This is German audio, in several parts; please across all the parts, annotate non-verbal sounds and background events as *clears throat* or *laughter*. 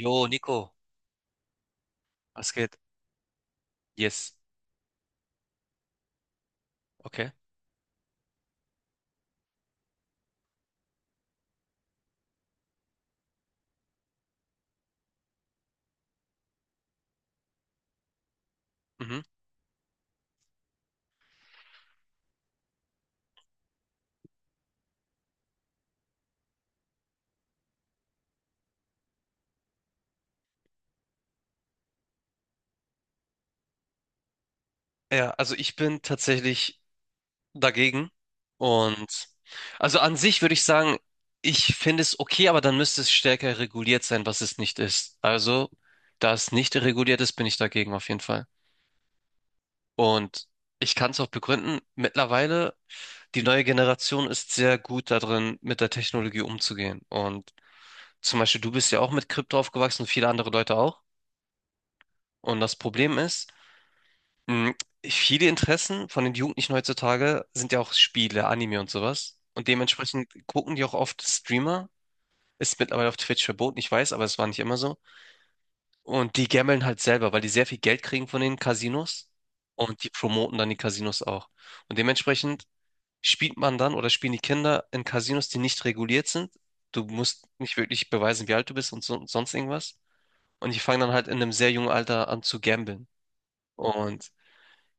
Jo, Nico, was geht? Yes. Okay. Mhm. Ja, also ich bin tatsächlich dagegen. Und also an sich würde ich sagen, ich finde es okay, aber dann müsste es stärker reguliert sein, was es nicht ist. Also, da es nicht reguliert ist, bin ich dagegen auf jeden Fall. Und ich kann es auch begründen, mittlerweile, die neue Generation ist sehr gut darin, mit der Technologie umzugehen. Und zum Beispiel, du bist ja auch mit Krypto aufgewachsen und viele andere Leute auch. Und das Problem ist. Mhm. Viele Interessen von den Jugendlichen heutzutage sind ja auch Spiele, Anime und sowas. Und dementsprechend gucken die auch oft Streamer. Ist mittlerweile auf Twitch verboten, ich weiß, aber es war nicht immer so. Und die gamblen halt selber, weil die sehr viel Geld kriegen von den Casinos. Und die promoten dann die Casinos auch. Und dementsprechend spielt man dann oder spielen die Kinder in Casinos, die nicht reguliert sind. Du musst nicht wirklich beweisen, wie alt du bist und so, sonst irgendwas. Und die fangen dann halt in einem sehr jungen Alter an zu gamblen. Und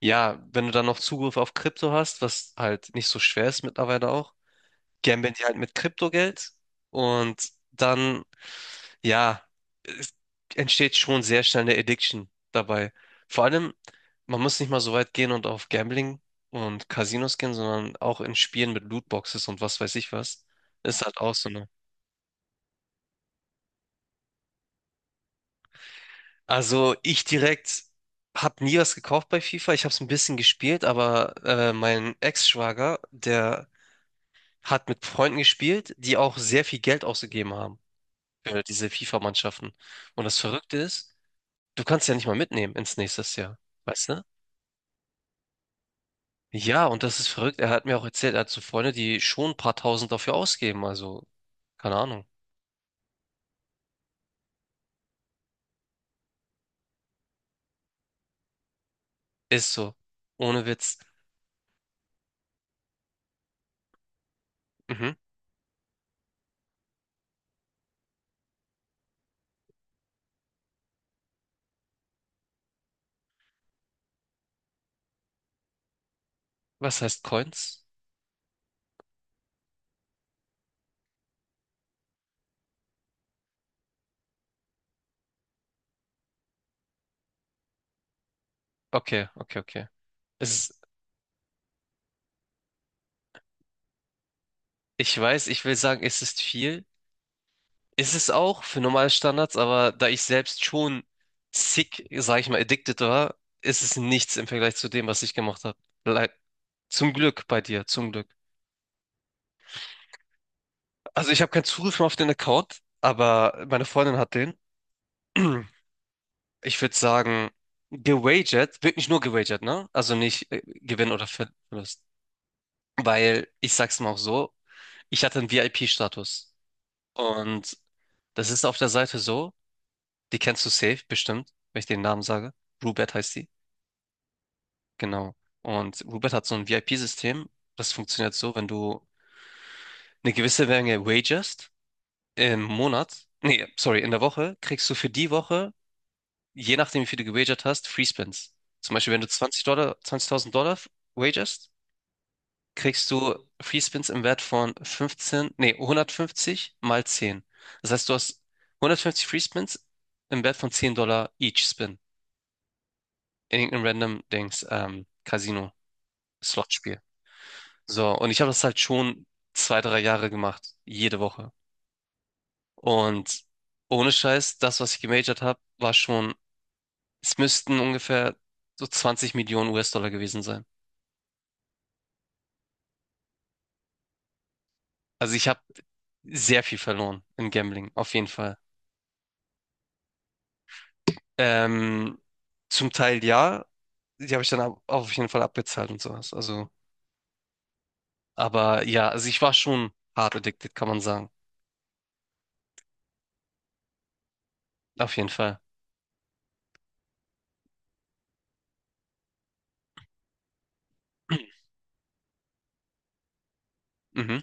ja, wenn du dann noch Zugriff auf Krypto hast, was halt nicht so schwer ist mittlerweile auch, gambeln die halt mit Kryptogeld und dann, ja, es entsteht schon sehr schnell eine Addiction dabei. Vor allem, man muss nicht mal so weit gehen und auf Gambling und Casinos gehen, sondern auch in Spielen mit Lootboxes und was weiß ich was. Ist halt auch so eine. Also ich direkt habe nie was gekauft bei FIFA. Ich habe es ein bisschen gespielt, aber mein Ex-Schwager, der hat mit Freunden gespielt, die auch sehr viel Geld ausgegeben haben für diese FIFA-Mannschaften. Und das Verrückte ist, du kannst ja nicht mal mitnehmen ins nächste Jahr, weißt du? Ja, und das ist verrückt. Er hat mir auch erzählt, er hat so Freunde, die schon ein paar Tausend dafür ausgeben. Also, keine Ahnung. Ist so. Ohne Witz. Mhm. Was heißt Coins? Okay, okay, okay. Es ist, ich weiß, ich will sagen, es ist viel, ist es auch für normale Standards, aber da ich selbst schon sick, sag ich mal, addicted war, ist es nichts im Vergleich zu dem, was ich gemacht habe. Leid. Zum Glück bei dir, zum Glück. Also ich habe keinen Zugriff mehr auf den Account, aber meine Freundin hat den. *clears throat* Ich würde sagen, gewagert, wirklich nur gewagert, ne? Also nicht Gewinn oder Verlust. Weil, ich sag's mal auch so, ich hatte einen VIP-Status. Und das ist auf der Seite so, die kennst du safe, bestimmt, wenn ich den Namen sage. Rubert heißt die. Genau. Und Uber hat so ein VIP-System. Das funktioniert so, wenn du eine gewisse Menge wagerst im Monat, nee, sorry, in der Woche, kriegst du für die Woche, je nachdem, wie viel du gewagert hast, Free Spins. Zum Beispiel, wenn du $20, $20.000 wagerst, kriegst du Free Spins im Wert von 15, nee, 150 mal 10. Das heißt, du hast 150 Free Spins im Wert von $10 each Spin in irgendeinem random Dings, Casino-Slot-Spiel. So, und ich habe das halt schon zwei, drei Jahre gemacht, jede Woche. Und ohne Scheiß, das, was ich gemajort habe, war schon, es müssten ungefähr so 20 Millionen US-Dollar gewesen sein. Also ich habe sehr viel verloren im Gambling, auf jeden Fall. Ähm, zum Teil ja, die habe ich dann auf jeden Fall abbezahlt und sowas. Also, aber ja, also ich war schon hart addicted, kann man sagen. Auf jeden Fall. *clears throat* Mhm,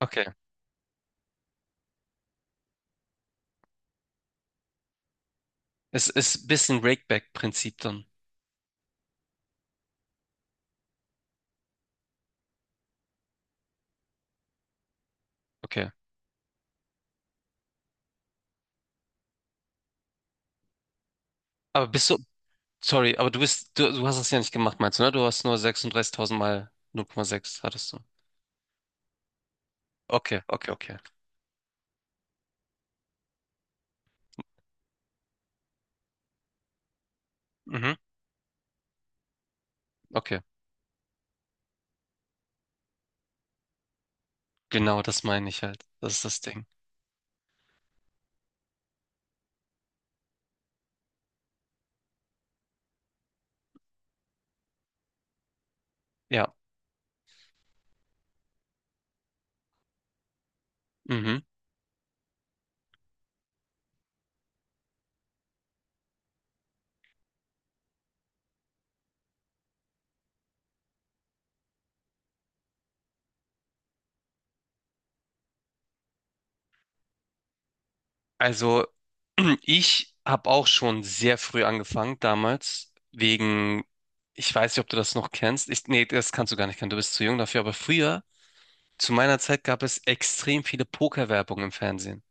okay. Es ist ein bisschen Rakeback-Prinzip dann. Okay. Aber bist du Sorry, aber du hast das ja nicht gemacht, meinst du, ne? Du hast nur 36.000 mal 0,6 hattest du. Okay, okay, okay. Mhm, okay. Genau, das meine ich halt. Das ist das Ding. Ja, mhm. Also, *clears throat* ich habe auch schon sehr früh angefangen, damals, wegen, ich weiß nicht, ob du das noch kennst. Nee, das kannst du gar nicht kennen, du bist zu jung dafür, aber früher, zu meiner Zeit gab es extrem viele Pokerwerbung im Fernsehen.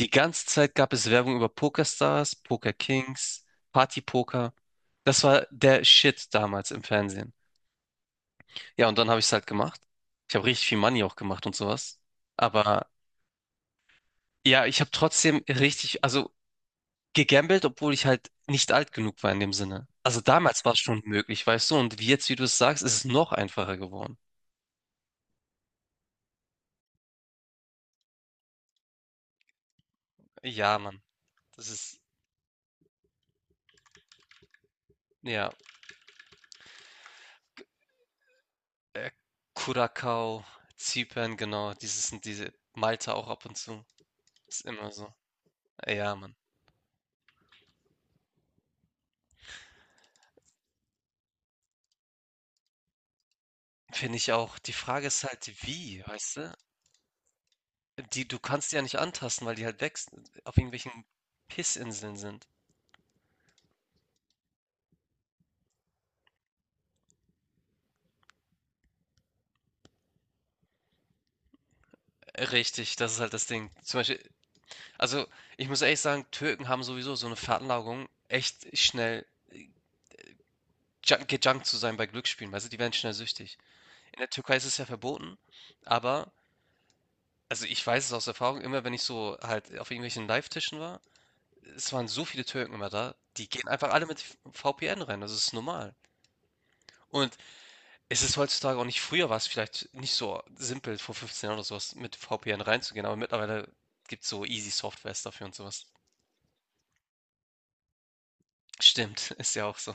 Die ganze Zeit gab es Werbung über PokerStars, Poker Kings, Party Poker. Das war der Shit damals im Fernsehen. Ja, und dann habe ich es halt gemacht. Ich habe richtig viel Money auch gemacht und sowas. Aber ja, ich habe trotzdem richtig, also gegambelt, obwohl ich halt nicht alt genug war in dem Sinne. Also damals war es schon möglich, weißt du? Und wie jetzt, wie du es sagst, ist es noch einfacher geworden. Ja, Mann. Das ist, ja, äh, Curacao, Zypern, genau. Dieses sind diese Malta auch ab und zu. Ist immer so. Ja, Mann. Finde ich auch. Die Frage ist halt, wie, weißt du? Die, du kannst die ja nicht antasten, weil die halt wächst, auf irgendwelchen Pissinseln sind. Richtig, das ist halt das Ding. Zum Beispiel, also ich muss ehrlich sagen, Türken haben sowieso so eine Veranlagung, echt schnell äh, gejunkt zu sein bei Glücksspielen, weißt du, die werden schnell süchtig. In der Türkei ist es ja verboten, aber, also ich weiß es aus Erfahrung, immer wenn ich so halt auf irgendwelchen Live-Tischen war, es waren so viele Türken immer da, die gehen einfach alle mit VPN rein, das ist normal. Und es ist heutzutage auch nicht. Früher war es vielleicht nicht so simpel, vor 15 Jahren oder so was mit VPN reinzugehen, aber mittlerweile gibt's so easy Softwares dafür und sowas. Stimmt, *laughs* ist ja auch so.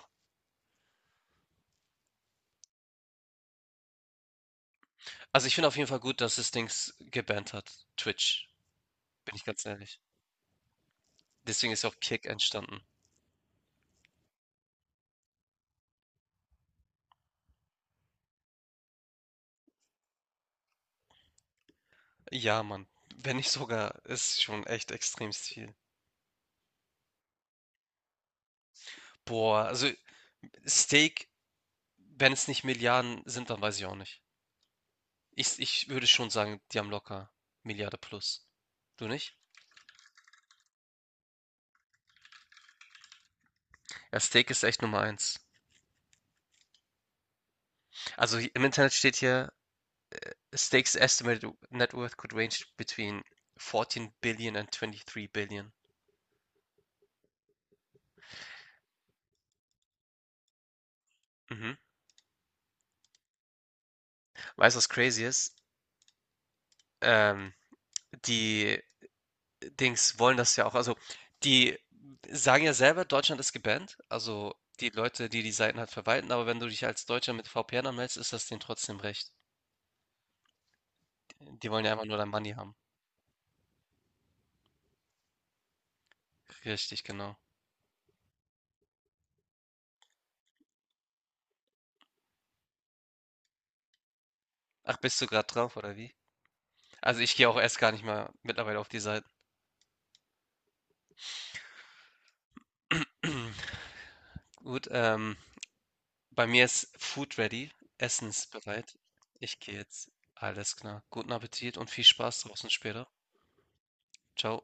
Also, ich finde auf jeden Fall gut, dass das Dings gebannt hat, Twitch, bin ich ganz ehrlich. Deswegen ist ja auch Kick entstanden. Ja, Mann, wenn nicht sogar, ist schon echt extrem viel. Boah, also Steak, wenn es nicht Milliarden sind, dann weiß ich auch nicht. Ich würde schon sagen, die haben locker Milliarde plus. Du nicht? Ja, Steak ist echt Nummer eins. Also im Internet steht hier, Stakes estimated net worth could range between 14 billion and 23 billion. Mhm. Weißt du, was crazy ist? Ähm, die Dings wollen das ja auch. Also, die sagen ja selber, Deutschland ist gebannt. Also, die Leute, die die Seiten halt verwalten. Aber wenn du dich als Deutscher mit VPN anmeldest, ist das denen trotzdem recht. Die wollen ja einfach nur dein Money haben. Richtig, genau. Ach, bist du gerade drauf, oder wie? Also, ich gehe auch erst gar nicht mal mittlerweile auf die Seiten. *clears throat* Gut. Bei mir ist Food ready, Essen ist bereit. Ich gehe jetzt. Alles klar. Guten Appetit und viel Spaß draußen später. Ciao.